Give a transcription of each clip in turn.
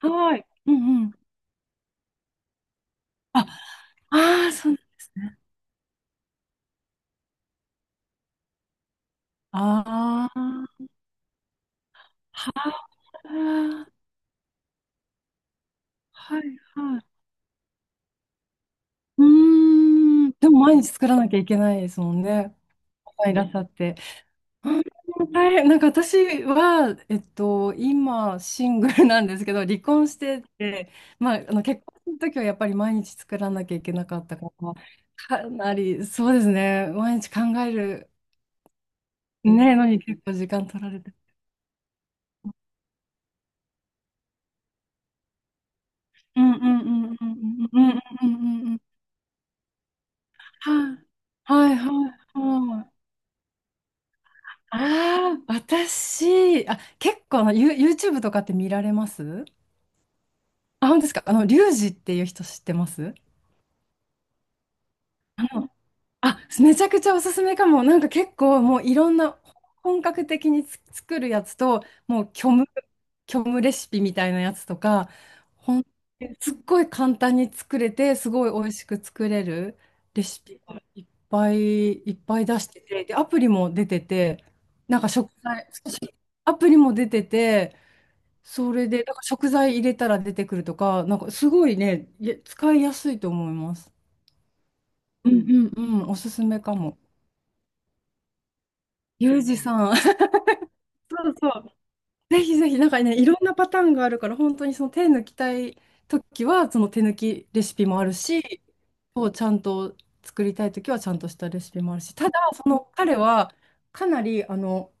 はい。うんうん。あ、ああ、そうなんですね。ああ、はあ、はいはい。うーん。でも毎日作らなきゃいけないですもんね。いらっしゃって。うん。大変。なんか私は、今、シングルなんですけど、離婚してて、まあ、あの結婚の時はやっぱり毎日作らなきゃいけなかったから、かなり、そうですね、毎日考える、ね、のに結構時間取られて。うんうんうんうんうんうんうんうんうん、はいはいはいはい。ああ、私、あ、結構あの、YouTube とかって見られます？あ、本当ですか。あの、リュウジっていう人知ってます？あ、めちゃくちゃおすすめかも。なんか結構もういろんな、本格的に作るやつと、もう虚無、虚無レシピみたいなやつとか、ほん、すっごい簡単に作れて、すごい美味しく作れるレシピがいっぱいいっぱい出してて、で、アプリも出てて、なんか食材、アプリも出てて、それで、なんか食材入れたら出てくるとか、なんかすごいね、いや使いやすいと思います。うんうんうん、おすすめかも。ユージさん。そうそう。ぜひぜひ、なんかね、いろんなパターンがあるから、本当にその手抜きたいときは、その手抜きレシピもあるし、こうちゃんと作りたいときはちゃんとしたレシピもあるし、ただ、その彼はかなり、あの、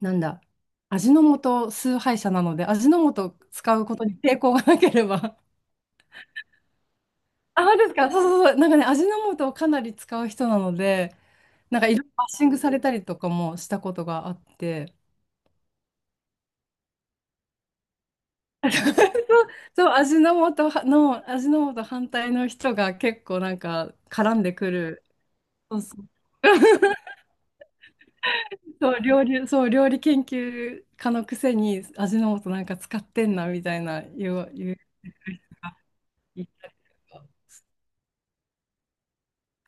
なんだ、味の素崇拝者なので、味の素を使うことに抵抗がなければ。あ、そうですか。そうそうそう。なんかね、味の素をかなり使う人なので、なんかいろいろバッシングされたりとかもしたことがあって。そう、味の素反対の人が結構なんか絡んでくる。そうそう。そう、料理研究家のくせに味の素なんか使ってんなみたいな、言う人いたりとか。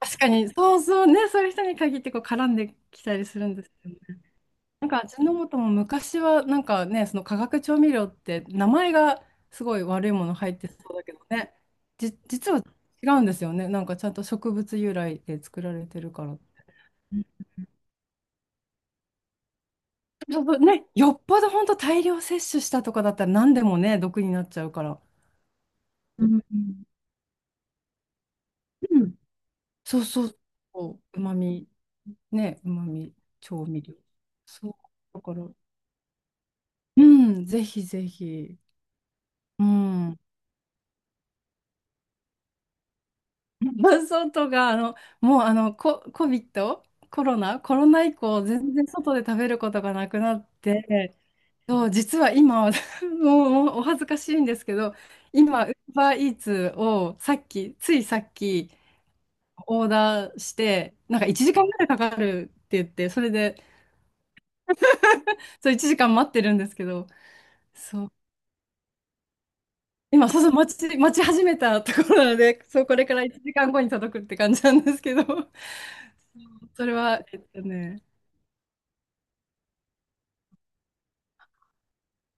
確かに、そうそうね、そういう人に限ってこう絡んできたりするんですよね。なんか味の素も昔はなんかね、その化学調味料って名前がすごい悪いもの入ってそうだけどね、実は違うんですよね。なんかちゃんと植物由来で作られてるから。うん。そうそうね、よっぽど本当大量摂取したとかだったら何でもね、毒になっちゃうから。うんうん、そうそうそう、うまみ、ね、うまみ調味料。そう、だから、うん、ぜひぜひ。うん。伴がとか、あの、もうあの、コ、コビット、コロナ、コロナ以降、全然外で食べることがなくなって、そう、実は今、もうお恥ずかしいんですけど、今、ウーバーイーツをさっき、ついさっき、オーダーして、なんか1時間ぐらいかかるって言って、それで、そう、1時間待ってるんですけど、そう、今、そうそう、待ち始めたところなので、そう、これから1時間後に届くって感じなんですけど、そう、それは、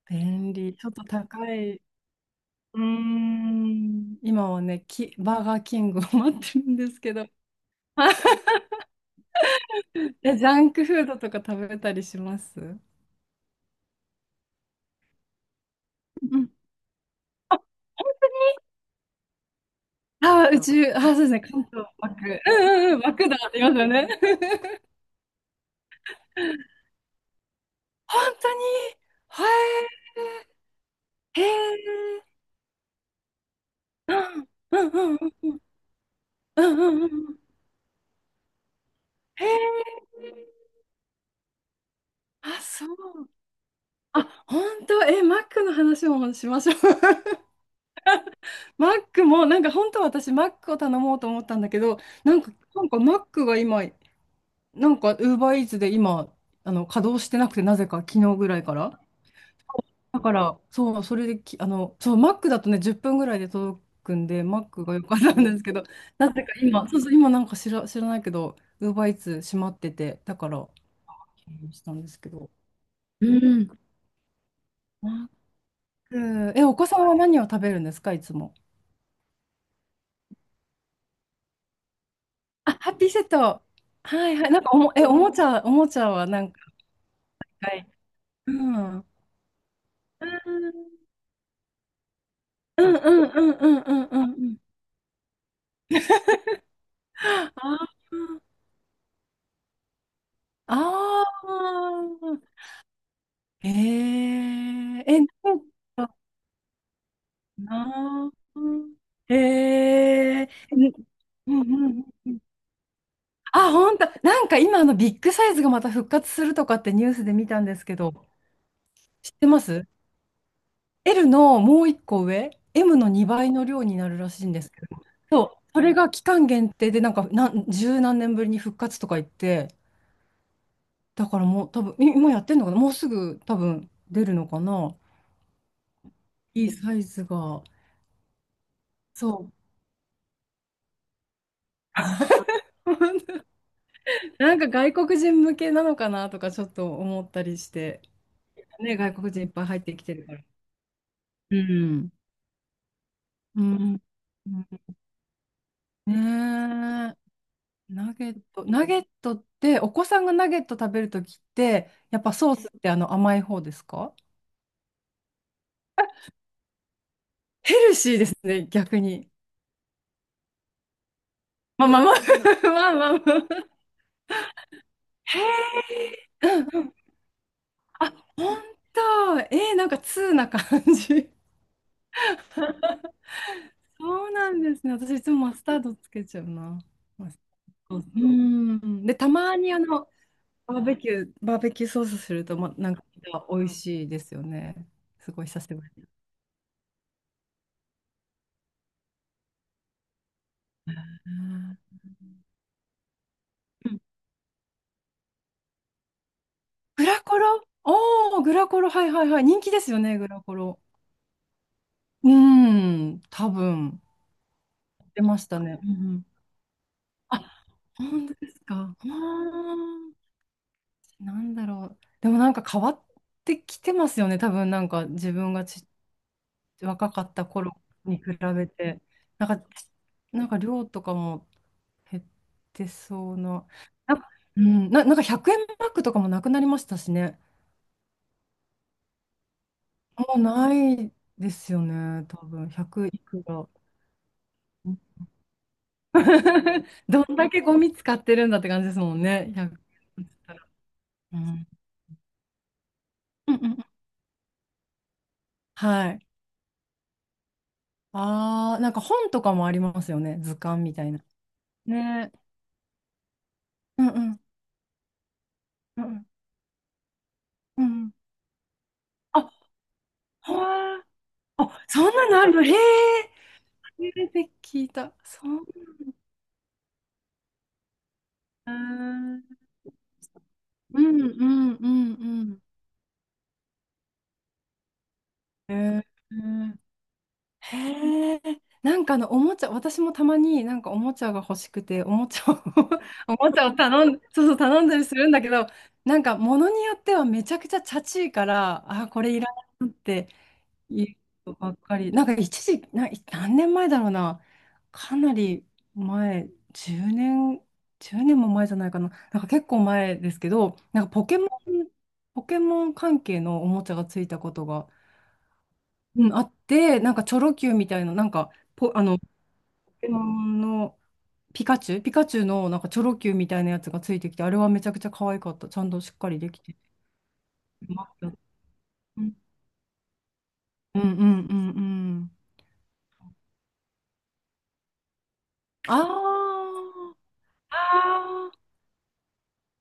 便利。ちょっと高い。うーん。今はね、バーガーキングを待ってるんですけど。え、ジャンクフードとか食べたりします？うん、あー、うち、あー、そうですね、関東マク。うんうんうん、マクドありますよね。本当に、はい、へえ。うんうんうんうんうんうんうんうん。へえ。あ、そう。あ、本当、え、マックの話もしましょう。マックも、なんか本当は私、マックを頼もうと思ったんだけど、なんかマックが今、なんか、ウーバーイーツで今、あの、稼働してなくて、なぜか昨日ぐらいから。だから、そう、それでき、あの、そう、マックだとね、10分ぐらいで届くんで、マックが良かったんですけど、なぜか今、そうそう、今なんか知らないけど、ウーバーイーツ閉まってて、だから、したんですけど。うん。マック、お子さんは何を食べるんですか、いつも。あ、ハッピーセット。はいはい。なんかおもちゃはなんか、はい。うん。うん。うんうんうんうんうんうんうん。あーあー。えええ、なんだろうな。ええ、うんうんうんうん。あ、本当。なんか今あのビッグサイズがまた復活するとかってニュースで見たんですけど、知ってます？ L のもう一個上、M の2倍の量になるらしいんですけど、そう、それが期間限定で、十何年ぶりに復活とか言って、だからもう多分、今やってんのかな、もうすぐ多分出るのかな、いいサイズが。そう。なんか外国人向けなのかなとかちょっと思ったりして、ね、外国人いっぱい入ってきてるから。うん。うん。うん。ねえ。ナゲットって、お子さんがナゲット食べるときって、やっぱソースってあの甘い方ですか？ヘルシーですね、逆に。まあまあまあ、まあまあまあ。うんうん。あ、本当。えー、なんか通な感じ。そうなんですね。私いつもマスタードつけちゃうな。マスタード、うん。で、たまにあの、バーベキューソースすると、ま、なんか美味しいですよね。すごい久しぶり。うん、グラコロ、おー、グラコロ、はいはいはい。人気ですよね、グラコロ。うーん、多分、出ましたね。うんうん。あ、本当ですか。あー、なんだろう。でもなんか変わってきてますよね、多分なんか自分が若かった頃に比べて。なんか、なんか量とかも減ってそうな。なんか、うん、なんか100円マックとかもなくなりましたしね。もうないですよね、多分100いくら。どんだけゴミ使ってるんだって感じですもんね。ひゃく、うんうんうんうん。はい。ああ、なんか本とかもありますよね。図鑑みたいな。ね。うんうん。うんうん。あ、はー、あ、そんなのあるの。へえ。初めて聞いた。そう。へー、うんうんうんうん。へえ。へえ、なんかあのおもちゃ、私もたまになんかおもちゃが欲しくて、おもちゃを おもちゃを頼ん、そうそう頼んだりするんだけど、なんか物によってはめちゃくちゃチャチいから、あ、これいらないなっていうことばっかり。なんか一時、何年前だろうな、かなり前、10年、1年も前じゃないかな、なんか結構前ですけど、なんかポケモン関係のおもちゃがついたことが。うん、あって、なんかチョロ Q みたいな、なんかポケモンのピカチュウのなんかチョロ Q みたいなやつがついてきて、あれはめちゃくちゃ可愛かった。ちゃんとしっかりできてて。うまかった、うんうんうんうん。あーあ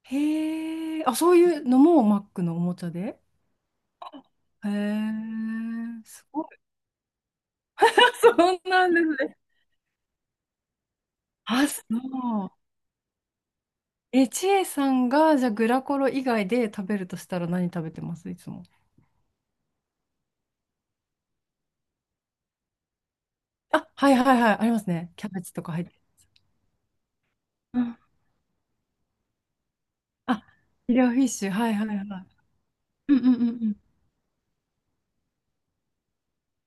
ー、へえ。あ、そういうのもマックのおもちゃで。へえ、すごい。そうなんですね。あ、そう。え、ちえさんが、じゃあグラコロ以外で食べるとしたら何食べてます、いつも。あ、はいはいはい、ありますね。キャベツとか入って。うん、あ、フィレオフィッシュ、はいはいはい。うんうんうんうん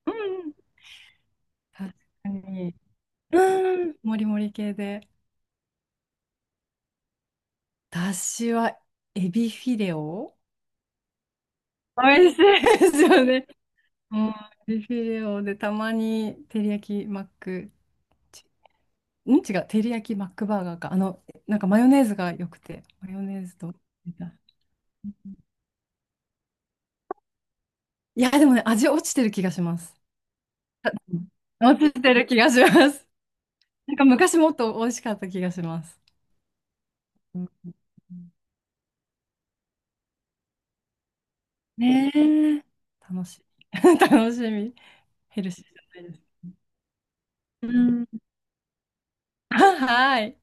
うんうん、確かに。うん、もりもり系で。私はエビフィレオ、美味しいですよね。うん、エビフィレオでたまに照り焼きマック、ち違う、照り焼きマックバーガーか。あの、なんかマヨネーズが良くて、マヨネーズと。いや、でもね、味落ちてる気がします。あ、落ちてる気がします。なんか昔もっと美味しかった気がします。うん、ねえ。楽しみ。楽しみ。ヘルシーじゃないです。うん。 はい。